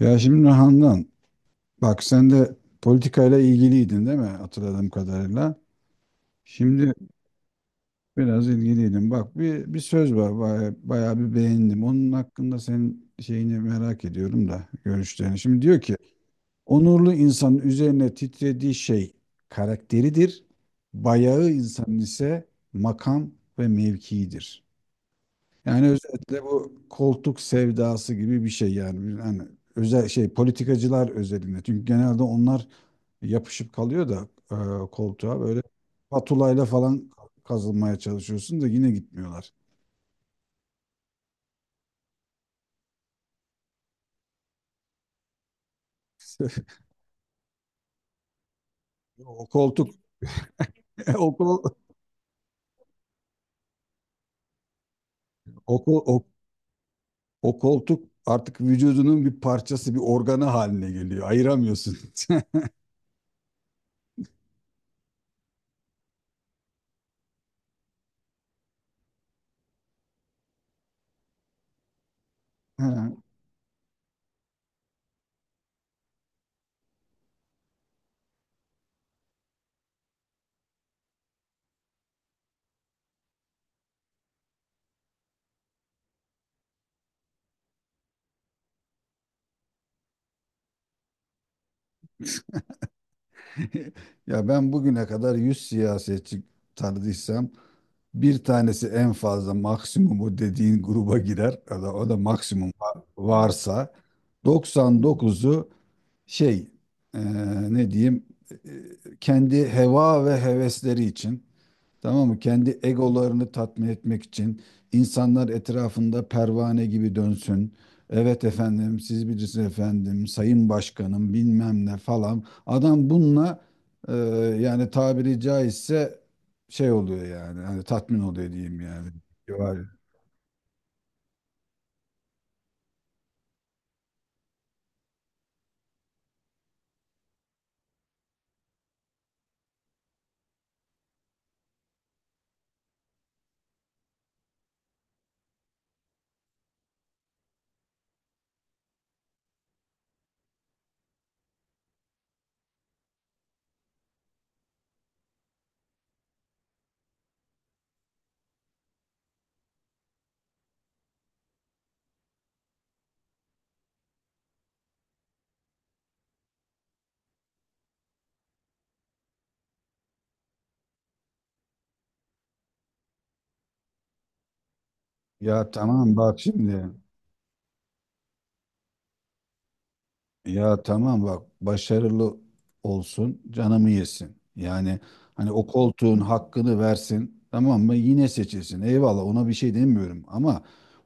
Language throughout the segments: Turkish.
Ya şimdi Handan, bak sen de politikayla ilgiliydin değil mi hatırladığım kadarıyla? Şimdi biraz ilgiliydin. Bak bir söz var bayağı bir beğendim. Onun hakkında senin şeyini merak ediyorum da görüşlerini. Şimdi diyor ki onurlu insanın üzerine titrediği şey karakteridir. Bayağı insanın ise makam ve mevkiidir. Yani özetle bu koltuk sevdası gibi bir şey yani. Yani özel şey politikacılar özelinde. Çünkü genelde onlar yapışıp kalıyor da koltuğa böyle patulayla falan kazılmaya çalışıyorsun da yine gitmiyorlar. O koltuk o, kol- o, kol- o, o koltuk artık vücudunun bir parçası, bir organı haline geliyor. Ayıramıyorsun. Ha. Ya ben bugüne kadar 100 siyasetçi tanıdıysam, bir tanesi en fazla maksimumu dediğin gruba girer. O da maksimum varsa, 99'u şey e, ne diyeyim, kendi heva ve hevesleri için. Tamam mı? Kendi egolarını tatmin etmek için insanlar etrafında pervane gibi dönsün. Evet efendim, siz bilirsiniz efendim, sayın başkanım bilmem ne falan. Adam bununla e, yani tabiri caizse şey oluyor yani. Hani tatmin oluyor diyeyim yani. Var. Ya tamam bak şimdi. Ya tamam bak, başarılı olsun canımı yesin. Yani hani o koltuğun hakkını versin, tamam mı, yine seçilsin. Eyvallah, ona bir şey demiyorum ama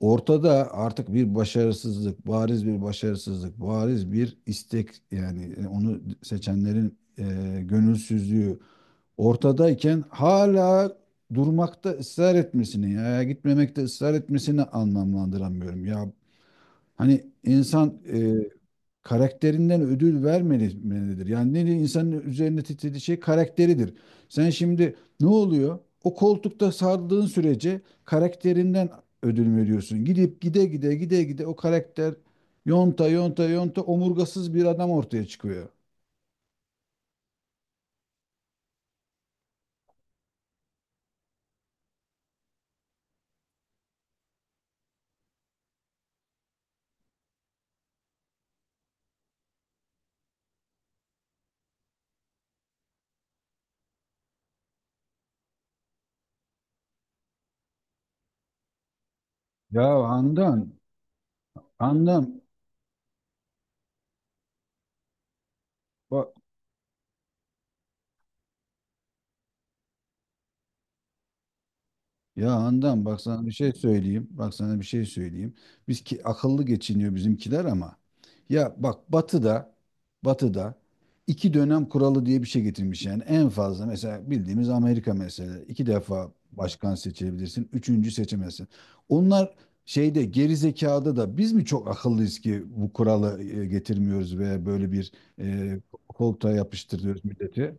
ortada artık bir başarısızlık, bariz bir başarısızlık, bariz bir istek yani, onu seçenlerin gönülsüzlüğü ortadayken hala durmakta ısrar etmesini ya gitmemekte ısrar etmesini anlamlandıramıyorum. Ya hani insan karakterinden ödül vermelidir. Yani ne diyeyim, insanın üzerine titrediği şey karakteridir. Sen şimdi ne oluyor? O koltukta sardığın sürece karakterinden ödül veriyorsun. Gidip gide gide gide gide o karakter yonta yonta yonta omurgasız bir adam ortaya çıkıyor. Ya Handan, Handan bak Ya Handan, bak sana bir şey söyleyeyim. Biz ki akıllı geçiniyor bizimkiler ama. Ya bak, Batı'da iki dönem kuralı diye bir şey getirmiş yani. En fazla mesela, bildiğimiz Amerika mesela, iki defa başkan seçebilirsin. Üçüncü seçemezsin. Onlar şeyde, geri zekada da biz mi çok akıllıyız ki bu kuralı getirmiyoruz veya böyle bir e, koltuğa yapıştırıyoruz milleti?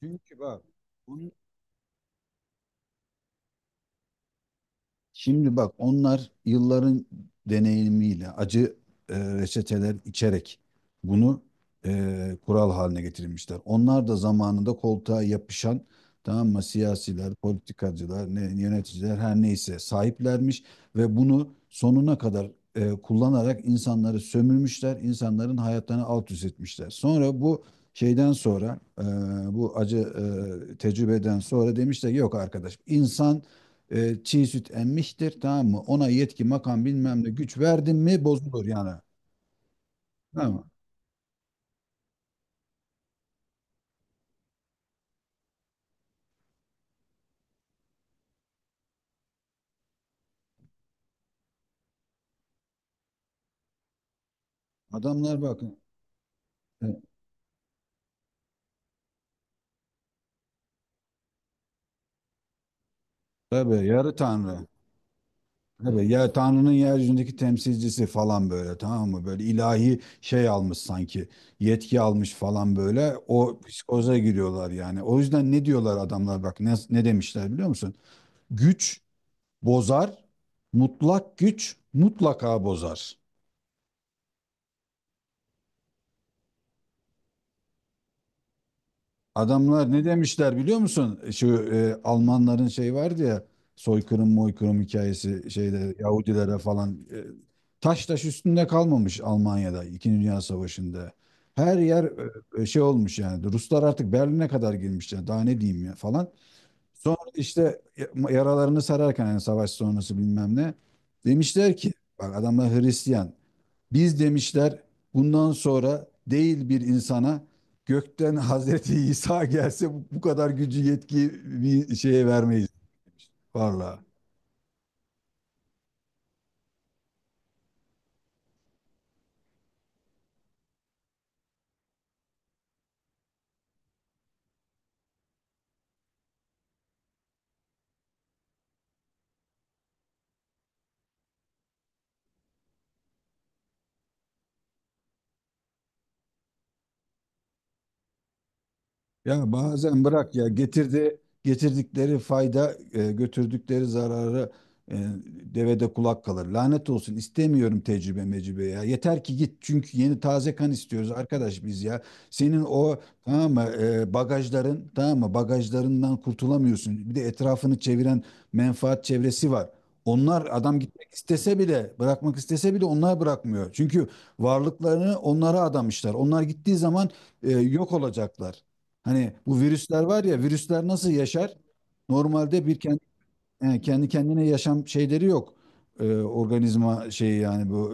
Çünkü bak. Şimdi bak Onlar yılların deneyimiyle acı reçeteler içerek bunu kural haline getirmişler. Onlar da zamanında koltuğa yapışan, tamam mı, siyasiler, politikacılar, ne, yöneticiler her neyse sahiplermiş ve bunu sonuna kadar kullanarak insanları sömürmüşler, insanların hayatlarını alt üst etmişler. Sonra bu şeyden sonra e, bu acı tecrübeden sonra demişler ki, yok arkadaş, insan çiğ süt emmiştir, tamam mı? Ona yetki, makam, bilmem ne, güç verdin mi bozulur yani. Tamam mı? Adamlar bakın. E, tabii yarı tanrı. Tabii ya, Tanrı'nın yeryüzündeki temsilcisi falan böyle, tamam mı? Böyle ilahi şey almış sanki. Yetki almış falan böyle. O psikoza giriyorlar yani. O yüzden ne diyorlar adamlar, bak, ne demişler biliyor musun? Güç bozar. Mutlak güç mutlaka bozar. Adamlar ne demişler biliyor musun? Şu Almanların şey vardı ya, soykırım moykırım hikayesi, şeyde Yahudilere falan taş taş üstünde kalmamış Almanya'da İkinci Dünya Savaşı'nda. Her yer şey olmuş yani, Ruslar artık Berlin'e kadar girmişler, daha ne diyeyim ya falan. Sonra işte yaralarını sararken, yani savaş sonrası bilmem ne, demişler ki, bak adamlar Hristiyan, biz demişler bundan sonra değil bir insana, gökten Hazreti İsa gelse bu kadar gücü, yetki, bir şeye vermeyiz. Vallahi. Ya bazen bırak ya, getirdikleri fayda, götürdükleri zararı e, devede kulak kalır. Lanet olsun, istemiyorum tecrübe mecrübe ya. Yeter ki git, çünkü yeni taze kan istiyoruz arkadaş biz ya. Senin o, tamam mı, bagajların, tamam mı, bagajlarından kurtulamıyorsun. Bir de etrafını çeviren menfaat çevresi var. Onlar, adam gitmek istese bile, bırakmak istese bile onlar bırakmıyor. Çünkü varlıklarını onlara adamışlar. Onlar gittiği zaman yok olacaklar. Hani bu virüsler var ya, virüsler nasıl yaşar? Normalde kendi kendine yaşam şeyleri yok. Organizma şeyi yani, bu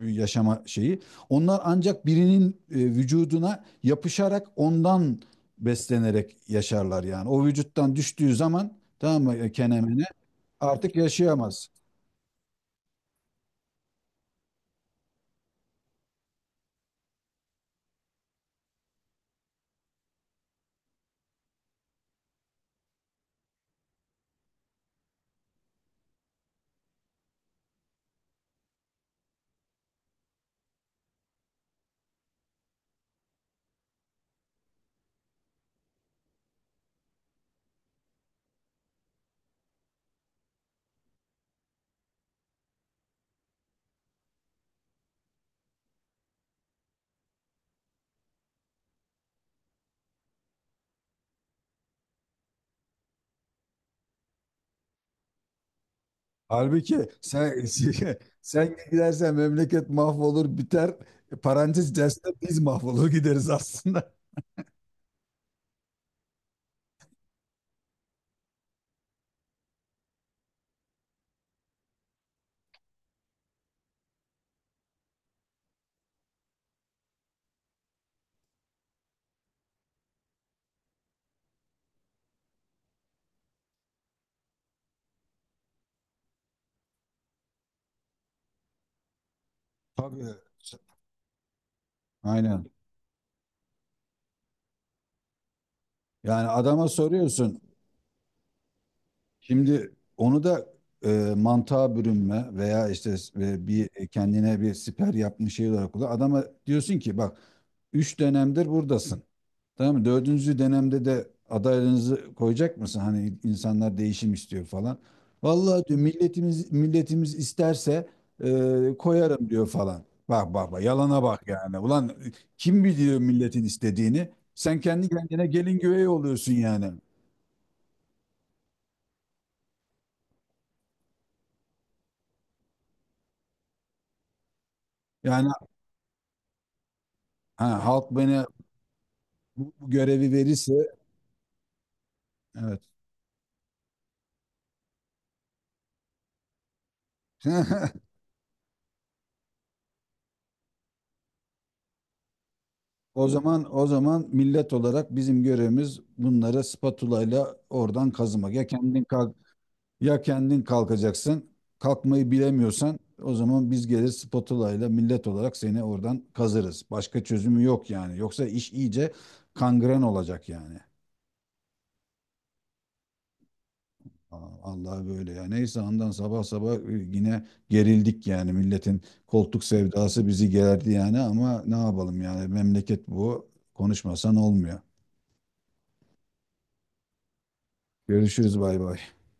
yaşama şeyi. Onlar ancak birinin vücuduna yapışarak ondan beslenerek yaşarlar yani. O vücuttan düştüğü zaman, tamam mı, kenemine artık yaşayamaz. Halbuki sen sen gidersen memleket mahvolur biter. Parantez içerisinde biz mahvolur gideriz aslında. Tabii. Aynen. Yani adama soruyorsun. Şimdi onu da mantığa bürünme veya işte kendine bir siper yapmış şey olarak kullan. Adama diyorsun ki bak, 3 dönemdir buradasın. Tamam mı? Dördüncü dönemde de adaylarınızı koyacak mısın? Hani insanlar değişim istiyor falan. Vallahi diyor, milletimiz isterse koyarım diyor falan. Bak yalana bak yani. Ulan kim biliyor milletin istediğini? Sen kendi kendine gelin güvey oluyorsun yani. Yani ha, halk bana bu görevi verirse, evet. O zaman millet olarak bizim görevimiz bunları spatula ile oradan kazımak. Ya kendin kaz Ya kendin kalkacaksın. Kalkmayı bilemiyorsan, o zaman biz gelir spatula ile millet olarak seni oradan kazırız. Başka çözümü yok yani. Yoksa iş iyice kangren olacak yani. Aa, Allah böyle ya. Neyse, andan sabah sabah yine gerildik yani. Milletin koltuk sevdası bizi gerdi yani ama ne yapalım yani, memleket bu. Konuşmasan olmuyor. Görüşürüz, bay bay.